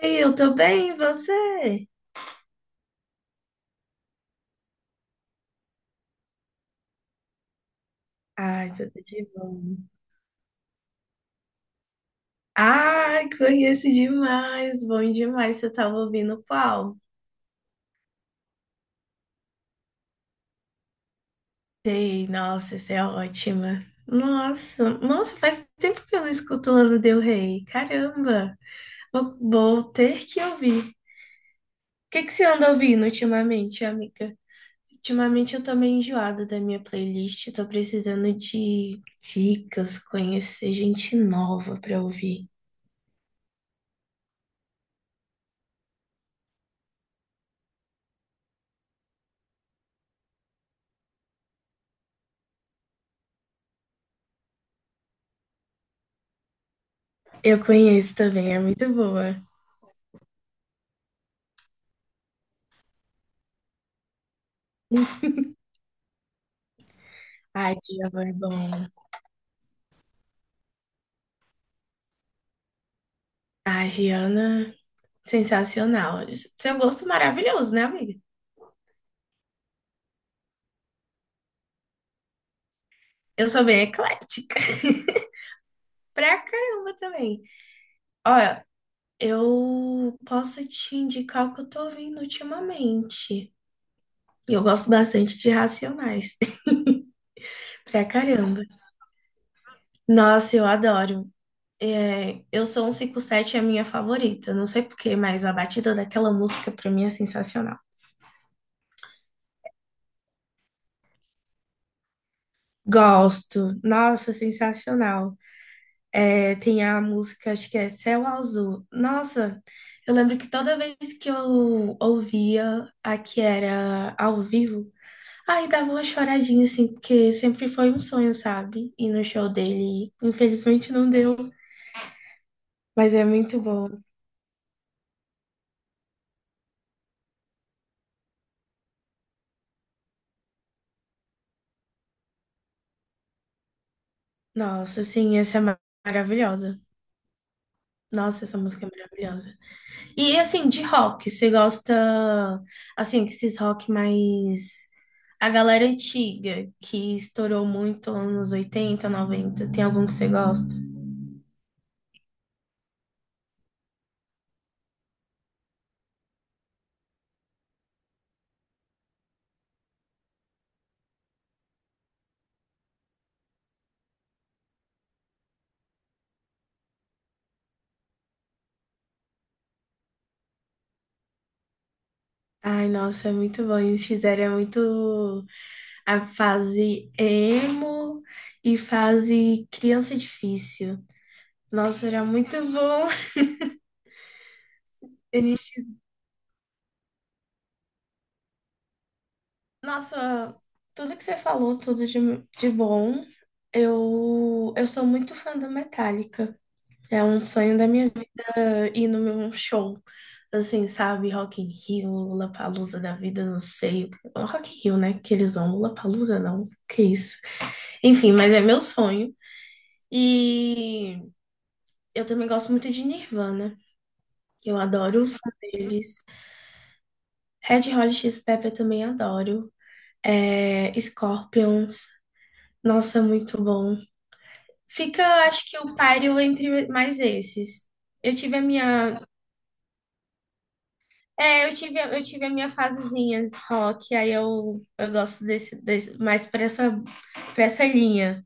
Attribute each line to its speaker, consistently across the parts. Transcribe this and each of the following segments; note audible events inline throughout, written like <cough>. Speaker 1: Oi, eu tô bem, e você? Ai, tudo de bom. Ai, conheço demais, bom demais. Você tava ouvindo qual? Sei, nossa, isso é ótima. Nossa, faz tempo que eu não escuto Lana Del Rey. Caramba, vou ter que ouvir. O que que você anda ouvindo ultimamente, amiga? Ultimamente eu tô meio enjoada da minha playlist, tô precisando de dicas, conhecer gente nova pra ouvir. Eu conheço também, é muito boa. Ai, Djavan é bom. Ai, Rihanna, sensacional. Seu gosto maravilhoso, né, amiga? Eu sou bem eclética. <laughs> Pra caramba também. Olha, eu posso te indicar o que eu tô ouvindo ultimamente. E eu gosto bastante de Racionais. <laughs> Pra caramba. Nossa, eu adoro. É, eu sou um 57 é a minha favorita. Não sei por quê, mas a batida daquela música pra mim é sensacional. Gosto. Nossa, sensacional. É, tem a música, acho que é Céu Azul. Nossa, eu lembro que toda vez que eu ouvia a que era ao vivo, aí dava uma choradinha, assim, porque sempre foi um sonho, sabe? Ir no show dele. Infelizmente não deu, mas é muito bom. Nossa, assim, essa é maravilhosa. Nossa, essa música é maravilhosa. E assim, de rock, você gosta, assim, que esses rock mais. A galera antiga, que estourou muito anos 80, 90, tem algum que você gosta? Ai, nossa, é muito bom. Eles fizeram é muito a fase emo e fase criança difícil. Nossa, era muito bom. <laughs> Eles Nossa, tudo que você falou, tudo de bom. Eu sou muito fã do Metallica. É um sonho da minha vida ir no meu show. Assim, sabe? Rock in Rio, Lollapalooza da vida, não sei. Rock in Rio, né? Que eles vão. Lollapalooza, não. Que isso. Enfim, mas é meu sonho. E eu também gosto muito de Nirvana. Eu adoro o som deles. Red Hot Chili Peppers também adoro. É, Scorpions. Nossa, muito bom. Fica, acho que o páreo entre mais esses. Eu tive a minha, é, eu tive a minha fasezinha de rock, aí eu gosto desse mais para essa linha.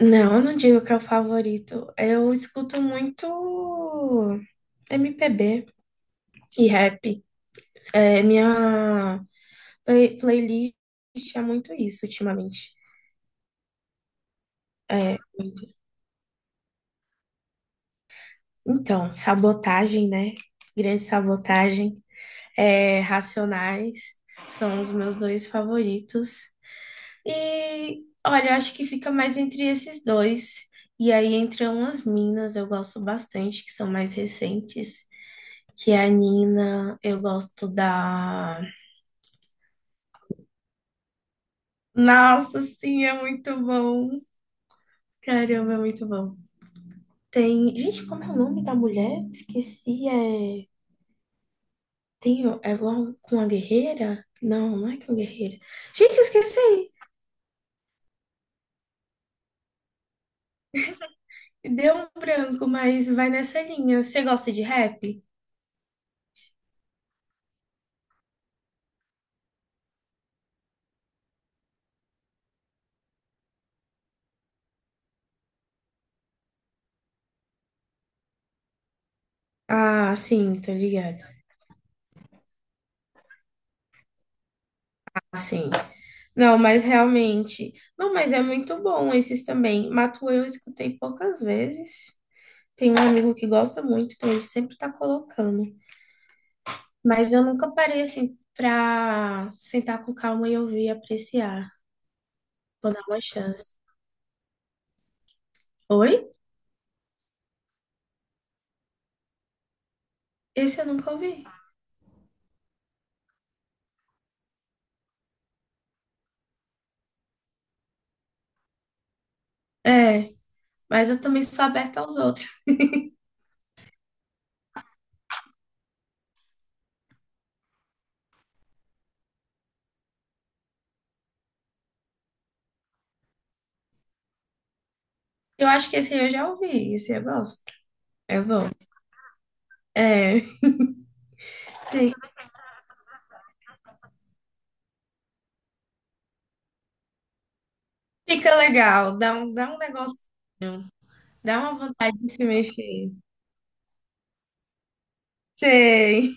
Speaker 1: Não, eu não digo que é o favorito. Eu escuto muito MPB e rap. É, minha playlist é muito isso ultimamente. É, muito. Então, sabotagem, né? Grande sabotagem. É, Racionais são os meus dois favoritos. E olha, eu acho que fica mais entre esses dois. E aí, entre umas minas, eu gosto bastante, que são mais recentes. Que é a Nina, eu gosto da. Nossa, sim, é muito bom. Caramba, é muito bom. Tem. Gente, como é o nome da mulher? Esqueci. É. Tem. É igual com a guerreira? Não, não é com a guerreira. Gente, esqueci. Deu um branco, mas vai nessa linha. Você gosta de rap? Ah, sim, tô ligado. Sim. Não, mas realmente. Não, mas é muito bom esses também. Matuê eu escutei poucas vezes. Tem um amigo que gosta muito, então ele sempre tá colocando. Mas eu nunca parei assim pra sentar com calma e ouvir e apreciar. Vou dar uma chance. Oi? Esse eu nunca ouvi. É, mas eu também sou aberta aos outros. Eu acho que esse aí eu já ouvi, esse eu gosto. É bom. É. <laughs> Sim. Fica legal, dá um negocinho, dá uma vontade de se mexer. Sei.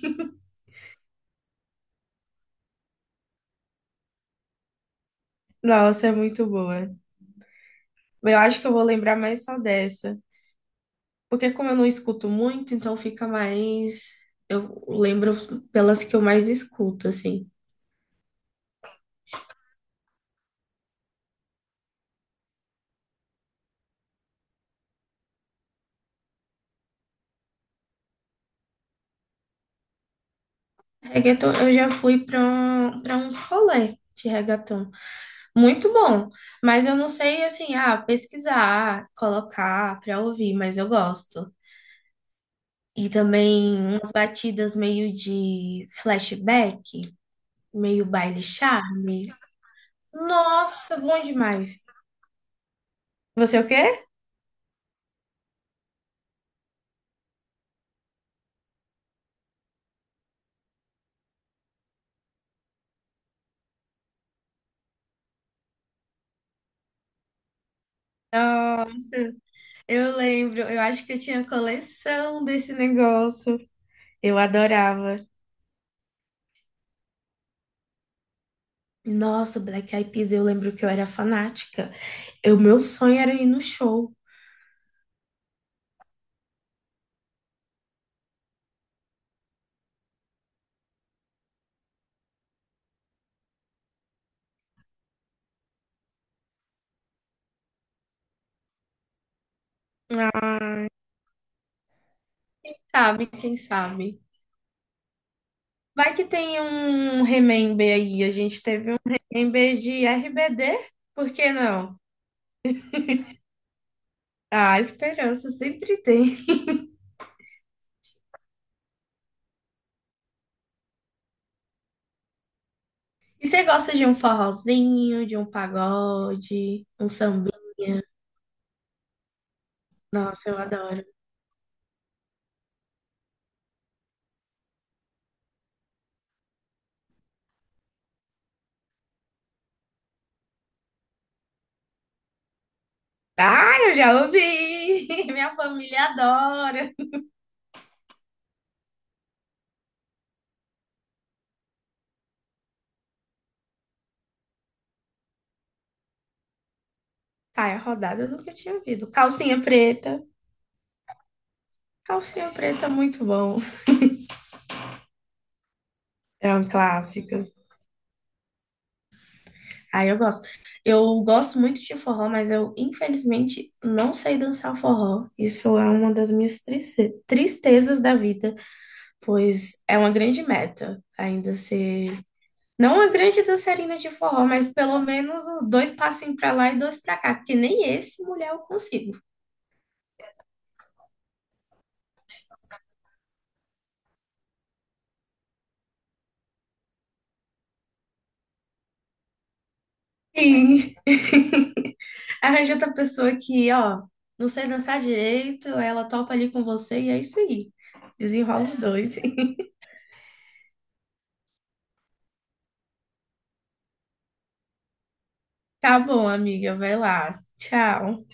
Speaker 1: Nossa, é muito boa. Eu acho que eu vou lembrar mais só dessa. Porque como eu não escuto muito, então fica mais. Eu lembro pelas que eu mais escuto, assim. Reggaeton, eu já fui para uns rolê de reggaeton. Muito bom. Mas eu não sei, assim, ah, pesquisar, colocar para ouvir, mas eu gosto. E também umas batidas meio de flashback, meio baile charme. Nossa, bom demais. Você o quê? Nossa, eu lembro. Eu acho que eu tinha coleção desse negócio. Eu adorava. Nossa, Black Eyed Peas, eu lembro que eu era fanática. O meu sonho era ir no show. Ah, sabe, quem sabe? Vai que tem um remember aí. A gente teve um remember de RBD, por que não? Ah, esperança sempre tem. E você gosta de um forrozinho, de um pagode, um samba? Nossa, eu adoro. Ah, eu já ouvi! <laughs> Minha família adora. Tá, é rodada eu nunca tinha ouvido. Calcinha preta. Calcinha preta, é muito bom. É um clássico. Ah, eu gosto. Eu gosto muito de forró, mas eu, infelizmente, não sei dançar forró. Isso é uma das minhas tristezas da vida, pois é uma grande meta ainda ser. Não uma grande dançarina de forró, mas pelo menos dois passinhos pra lá e dois pra cá, porque nem esse mulher eu consigo. E <laughs> arranja outra pessoa que, ó, não sei dançar direito, ela topa ali com você e é isso aí. Desenrola os dois. <laughs> Tá bom, amiga, vai lá. Tchau.